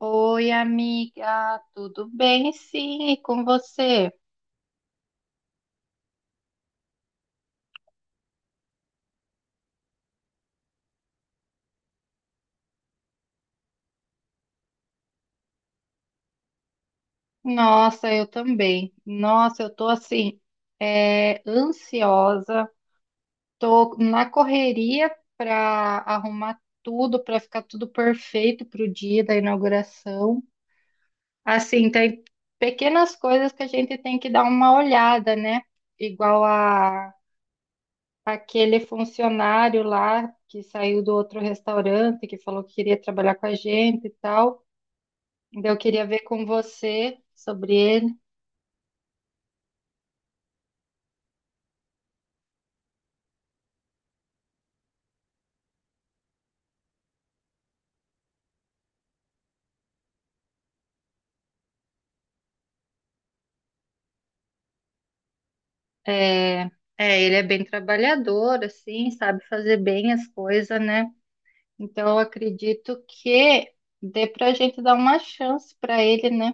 Oi, amiga, tudo bem? Sim, e com você? Nossa, eu também. Nossa, eu tô assim, ansiosa, tô na correria para arrumar tudo, para ficar tudo perfeito para o dia da inauguração. Assim, tem pequenas coisas que a gente tem que dar uma olhada, né? Igual a aquele funcionário lá que saiu do outro restaurante, que falou que queria trabalhar com a gente e tal. Então, eu queria ver com você sobre ele. É, é, ele é bem trabalhador, assim, sabe fazer bem as coisas, né? Então, eu acredito que dê pra gente dar uma chance pra ele, né?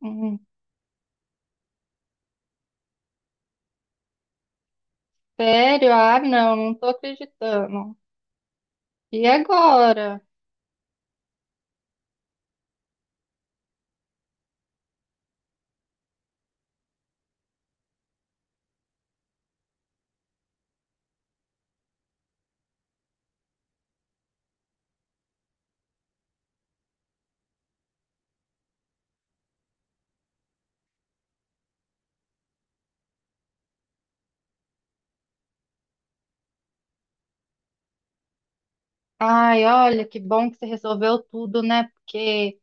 Hum, sério? Ah, não, não tô acreditando. E agora? Ai, olha, que bom que você resolveu tudo, né? Porque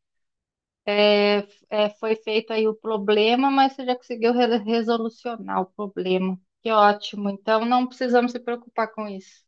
É, foi feito aí o problema, mas você já conseguiu resolucionar o problema. Que ótimo. Então não precisamos se preocupar com isso.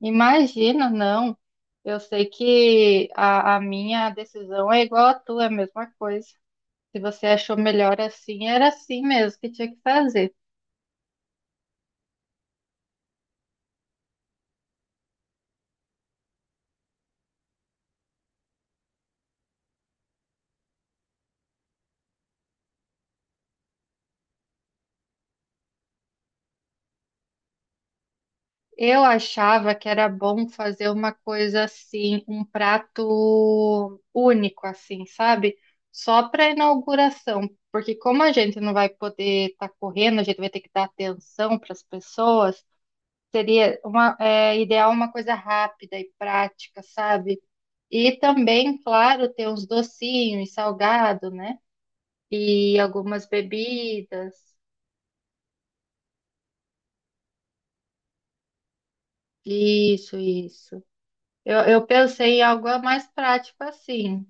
Imagina, não. Eu sei que a minha decisão é igual à tua, é a mesma coisa. Se você achou melhor assim, era assim mesmo que tinha que fazer. Eu achava que era bom fazer uma coisa assim, um prato único, assim, sabe? Só para inauguração, porque como a gente não vai poder estar correndo, a gente vai ter que dar atenção para as pessoas, seria uma, é, ideal uma coisa rápida e prática, sabe? E também, claro, ter uns docinhos, salgado, né? E algumas bebidas. Isso, isso. Eu pensei em algo mais prático assim.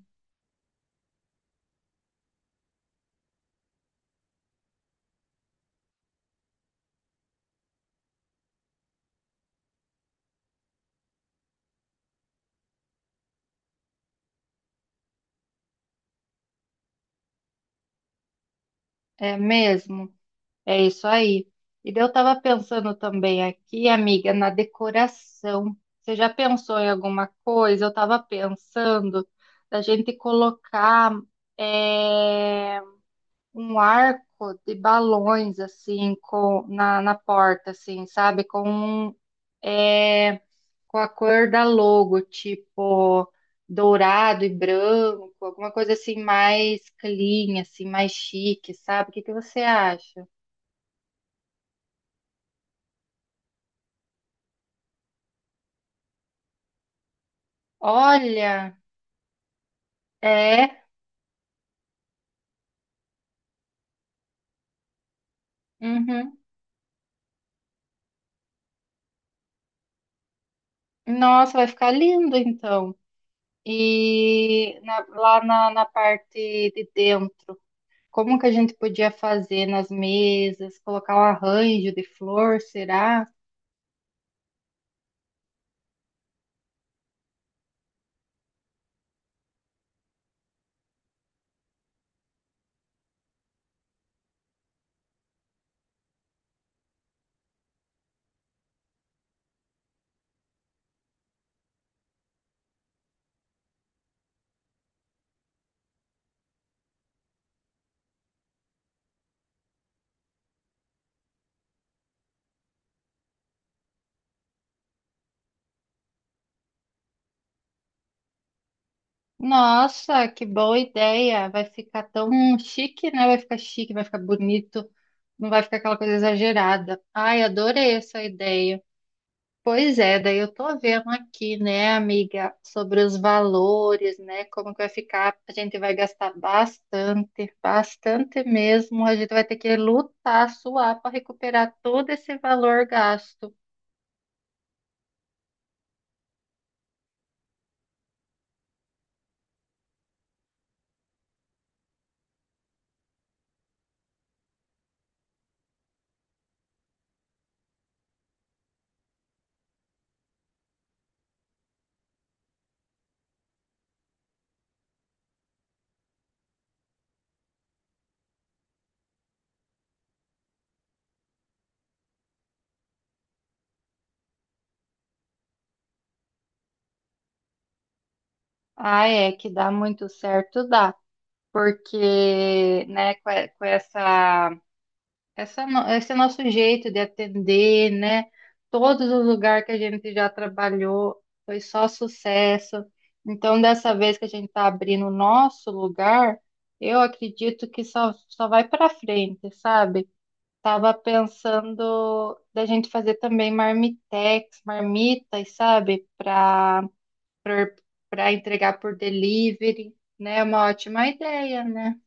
É mesmo, é isso aí. E daí eu estava pensando também aqui, amiga, na decoração. Você já pensou em alguma coisa? Eu estava pensando da gente colocar é, um arco de balões assim com, na porta, assim, sabe? Com, um, é, com a cor da logo, tipo dourado e branco, alguma coisa assim mais clean, assim, mais chique, sabe? O que que você acha? Olha, é, uhum. Nossa, vai ficar lindo então. E na- lá na, na parte de dentro, como que a gente podia fazer nas mesas, colocar um arranjo de flor, será? Nossa, que boa ideia! Vai ficar tão chique, né? Vai ficar chique, vai ficar bonito, não vai ficar aquela coisa exagerada. Ai, adorei essa ideia. Pois é, daí eu tô vendo aqui, né, amiga, sobre os valores, né, como que vai ficar, a gente vai gastar bastante, bastante mesmo, a gente vai ter que lutar, suar para recuperar todo esse valor gasto. Ah, é, que dá muito certo, dá, porque, né, com com essa esse é nosso jeito de atender, né? Todos os lugares que a gente já trabalhou foi só sucesso. Então, dessa vez que a gente está abrindo o nosso lugar, eu acredito que só vai para frente, sabe? Tava pensando da gente fazer também marmitex, marmitas, sabe? Para entregar por delivery, né? É uma ótima ideia, né?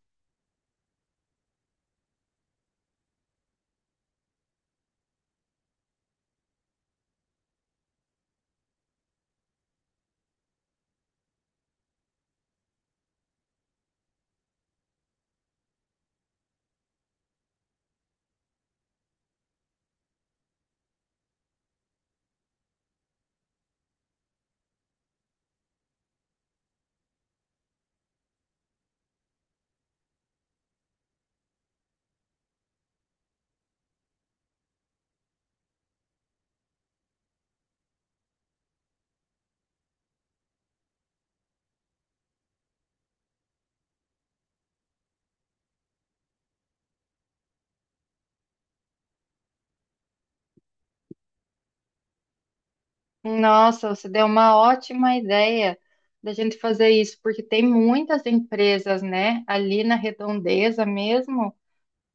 Nossa, você deu uma ótima ideia da gente fazer isso, porque tem muitas empresas, né? Ali na Redondeza mesmo,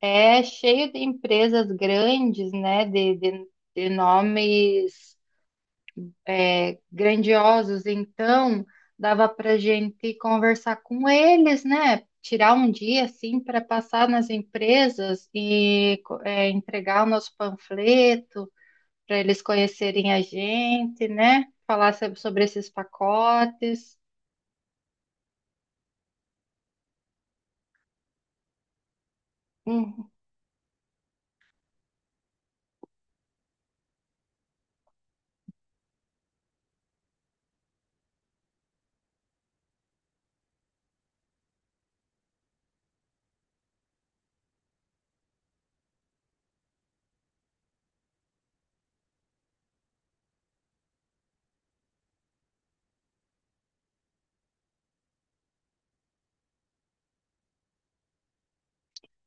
é cheio de empresas grandes, né? De nomes é, grandiosos. Então, dava para gente conversar com eles, né? Tirar um dia assim para passar nas empresas e é, entregar o nosso panfleto para eles conhecerem a gente, né? Falar sobre esses pacotes. Uhum.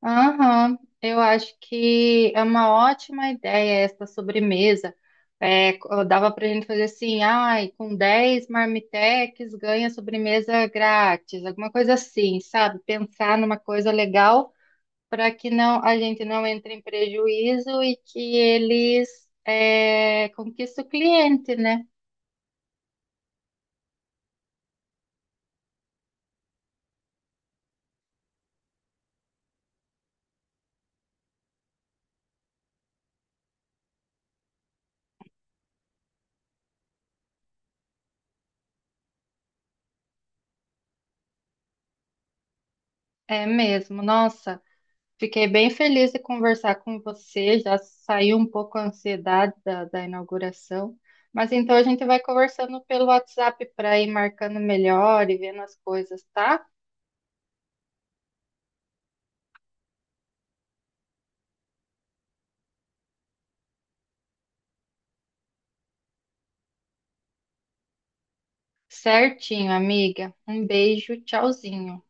Aham, eu acho que é uma ótima ideia essa sobremesa. É, co- dava para a gente fazer assim, ai, com 10 marmitex ganha sobremesa grátis, alguma coisa assim, sabe? Pensar numa coisa legal para que a gente não entre em prejuízo e que eles é, conquistem o cliente, né? É mesmo, nossa. Fiquei bem feliz de conversar com você, já saiu um pouco a ansiedade da inauguração, mas então a gente vai conversando pelo WhatsApp para ir marcando melhor e vendo as coisas, tá? Certinho, amiga. Um beijo, tchauzinho.